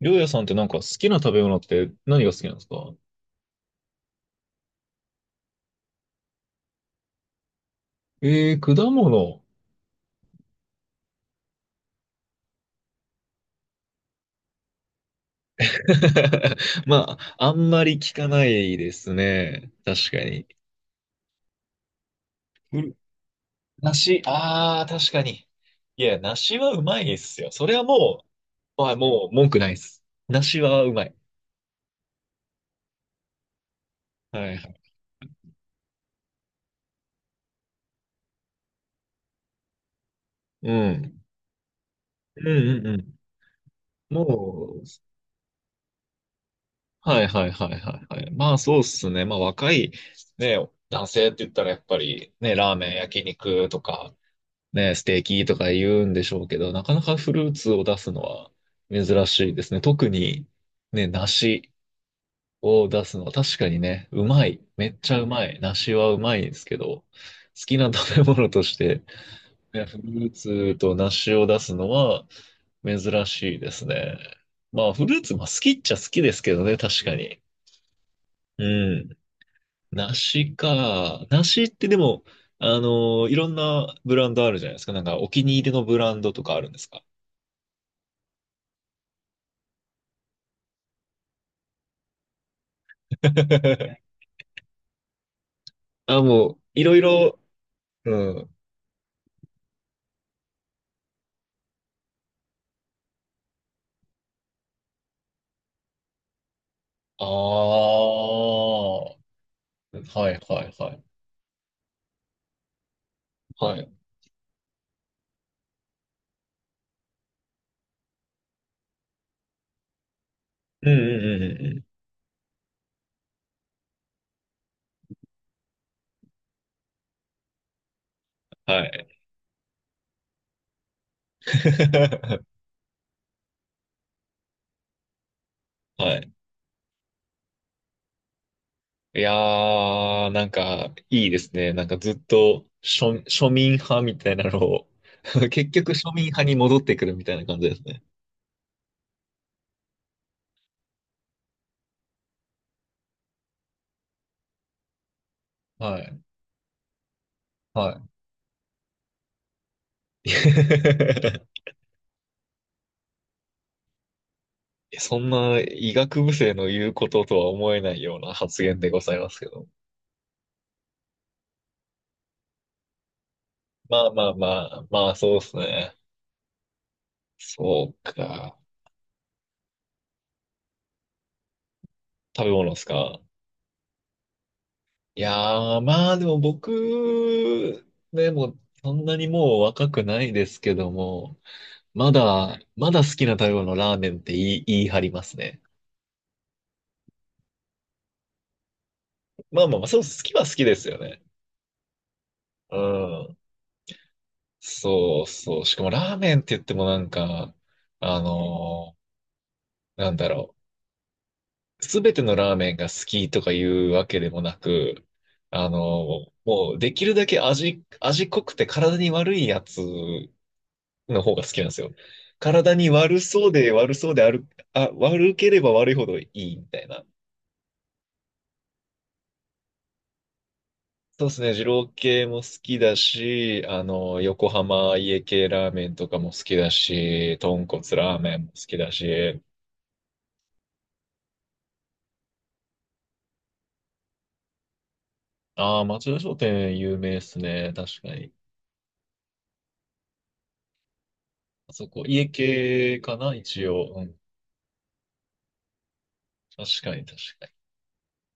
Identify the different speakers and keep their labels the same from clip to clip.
Speaker 1: りょうやさんって好きな食べ物って何が好きなんですか？果物。まあ、あんまり聞かないですね。確かに。うん。梨、ああ、確かに。いや、梨はうまいですよ。それはもう、はい、もう文句ないです。梨はうまい。はいはい。うん。うんうんうん。もう、はいはいはいはいはい。まあそうっすね。まあ若い、ね、男性って言ったらやっぱりね、ラーメン、焼肉とか、ね、ステーキとか言うんでしょうけど、なかなかフルーツを出すのは珍しいですね。特に、ね、梨を出すのは確かにね、うまい。めっちゃうまい。梨はうまいんですけど、好きな食べ物として、ね、フルーツと梨を出すのは珍しいですね。まあ、フルーツまあ好きっちゃ好きですけどね、確かに。うん。梨か。梨ってでも、あのいろんなブランドあるじゃないですか。お気に入りのブランドとかあるんですか？ あ、もう、いろいろ、うん。ああ、はいはいはい。はい。うんうんうんうんうん。はい。はい。いやー、いいですね。ずっと庶民派みたいなのを、 結局庶民派に戻ってくるみたいな感じですね。はい。はい。いや、そんな医学部生の言うこととは思えないような発言でございますけど。まあまあまあ、まあそうですね。そうか。食べ物ですか。いやー、まあでも僕、でもそんなにもう若くないですけども、まだ好きな食べ物ラーメンって言い張りますね。まあまあまあ、そう、好きは好きですよね。うん。そうそう。しかもラーメンって言ってもなんか、あのーなんだろう。すべてのラーメンが好きとかいうわけでもなく、あのもうできるだけ味濃くて体に悪いやつの方が好きなんですよ。体に悪そうで悪そうである、あ、悪ければ悪いほどいいみたいな。そうですね、二郎系も好きだし、あの、横浜家系ラーメンとかも好きだし、豚骨ラーメンも好きだし、ああ、町田商店有名ですね、確かに。あそこ、家系かな、一応。うん、確かに確かに。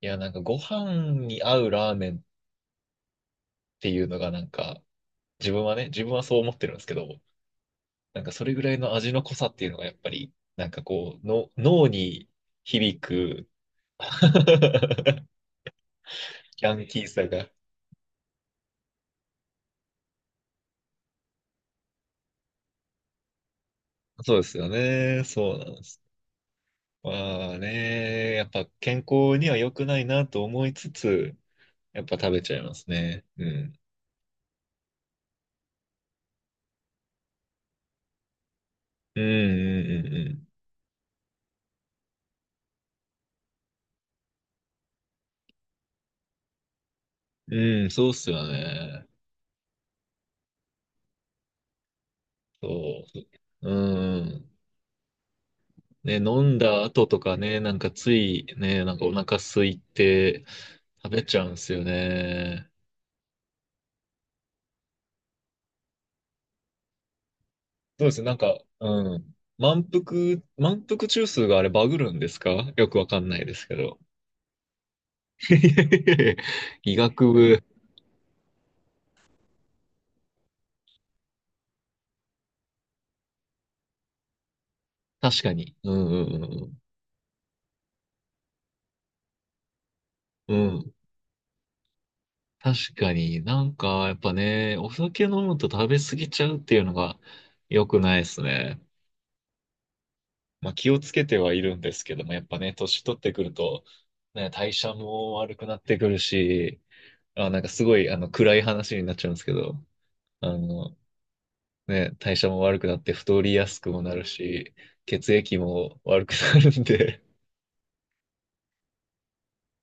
Speaker 1: いや、ご飯に合うラーメンっていうのが自分はね、自分はそう思ってるんですけど、それぐらいの味の濃さっていうのがやっぱり、脳に響く。 ヤンキーさが。そうですよね。そうなんです。まあね、やっぱ健康には良くないなと思いつつ、やっぱ食べちゃいますね。うん。うんうんうんうん。うん、そうっすよね。そう。うん。ね、飲んだ後とかね、ついね、お腹空いて食べちゃうんすよね。そうですね。なんか、うん。満腹中枢があれバグるんですか？よくわかんないですけど。医学部、確かに。うんうんうんうん。確かになんか、やっぱね、お酒飲むと食べ過ぎちゃうっていうのが良くないですね。まあ気をつけてはいるんですけども、やっぱね、年取ってくると、ね、代謝も悪くなってくるし、あ、なんかすごい、あの、暗い話になっちゃうんですけど、あの、ね、代謝も悪くなって太りやすくもなるし、血液も悪くなるんで、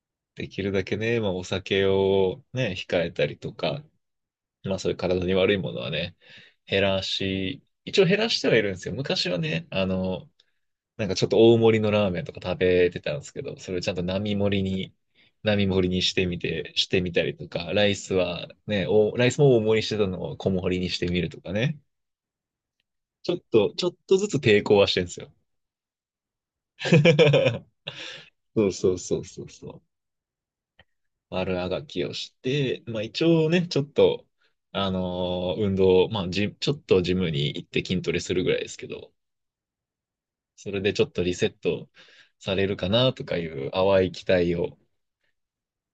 Speaker 1: できるだけね、まあお酒をね、控えたりとか、まあそういう体に悪いものはね、減らし、一応減らしてはいるんですよ。昔はね、あの、なんかちょっと大盛りのラーメンとか食べてたんですけど、それをちゃんと並盛りにしてみて、してみたりとか、ライスはね、お、ライスも大盛りしてたのを小盛りにしてみるとかね。ちょっとずつ抵抗はしてるんですよ。そうそうそうそうそう。悪あがきをして、まあ一応ね、ちょっと、運動、まあジ、ちょっとジムに行って筋トレするぐらいですけど、それでちょっとリセットされるかなとかいう淡い期待を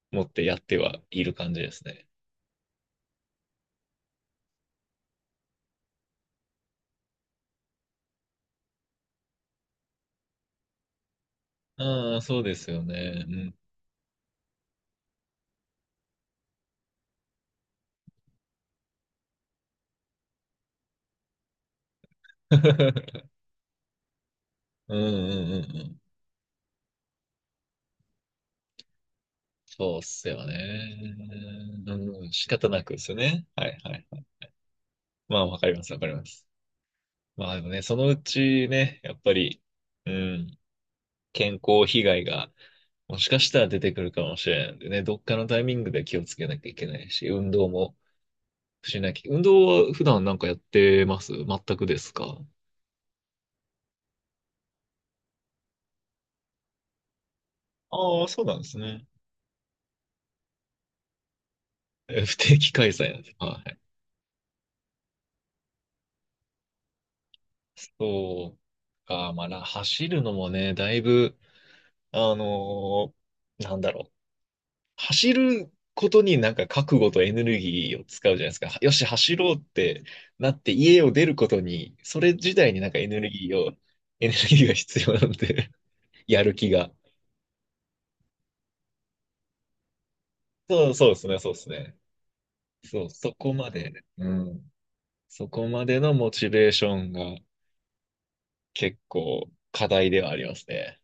Speaker 1: 持ってやってはいる感じですね。ああ、そうですよね。うん。うんうんうんうん。そうっすよね。うん、仕方なくですよね。はいはい。まあわかりますわかります。まあでもね、そのうちね、やっぱり、うん。健康被害がもしかしたら出てくるかもしれないんでね、どっかのタイミングで気をつけなきゃいけないし、運動もしなきゃ。運動は普段なんかやってます？全くですか？ああ、そうなんですね。え、不定期開催なんです。はい。そうか、まあ、な走るのもね、だいぶ、あのーなんだろう。走ることに覚悟とエネルギーを使うじゃないですか。よし、走ろうってなって家を出ることに、それ自体にエネルギーを、エネルギーが必要なんで、やる気が。そう、そうですね、そうですね。そう、そこまで、うん。そこまでのモチベーションが結構課題ではありますね。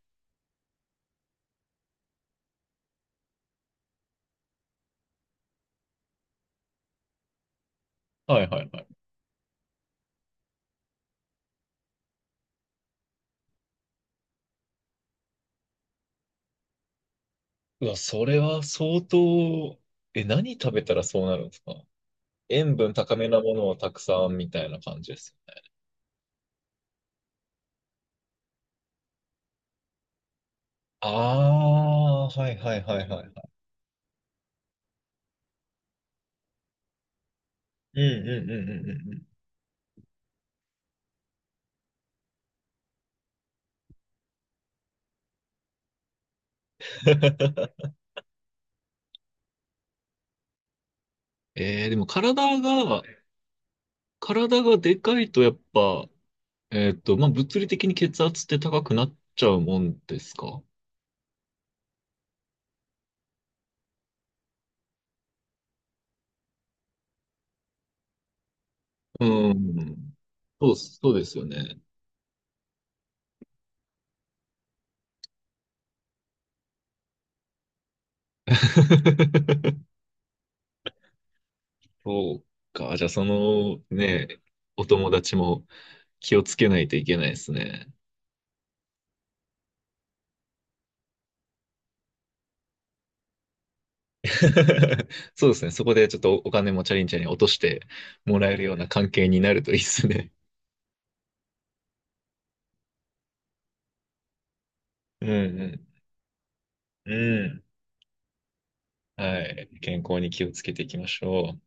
Speaker 1: はいはいはい。うわ、それは相当、え、何食べたらそうなるんですか？塩分高めなものをたくさんみたいな感じです。ああー、はいはいはいはいはい。うんうんうんうんうんうん。えー、でも体が、体がでかいとやっぱ、えっと、まあ、物理的に血圧って高くなっちゃうもんですか？うん。そうっす、そうですよね。そうか。じゃあ、そのね、お友達も気をつけないといけないですね。そうですね。そこでちょっとお金もチャリンチャリン落としてもらえるような関係になるといいですね。うんうん。うん。はい。健康に気をつけていきましょう。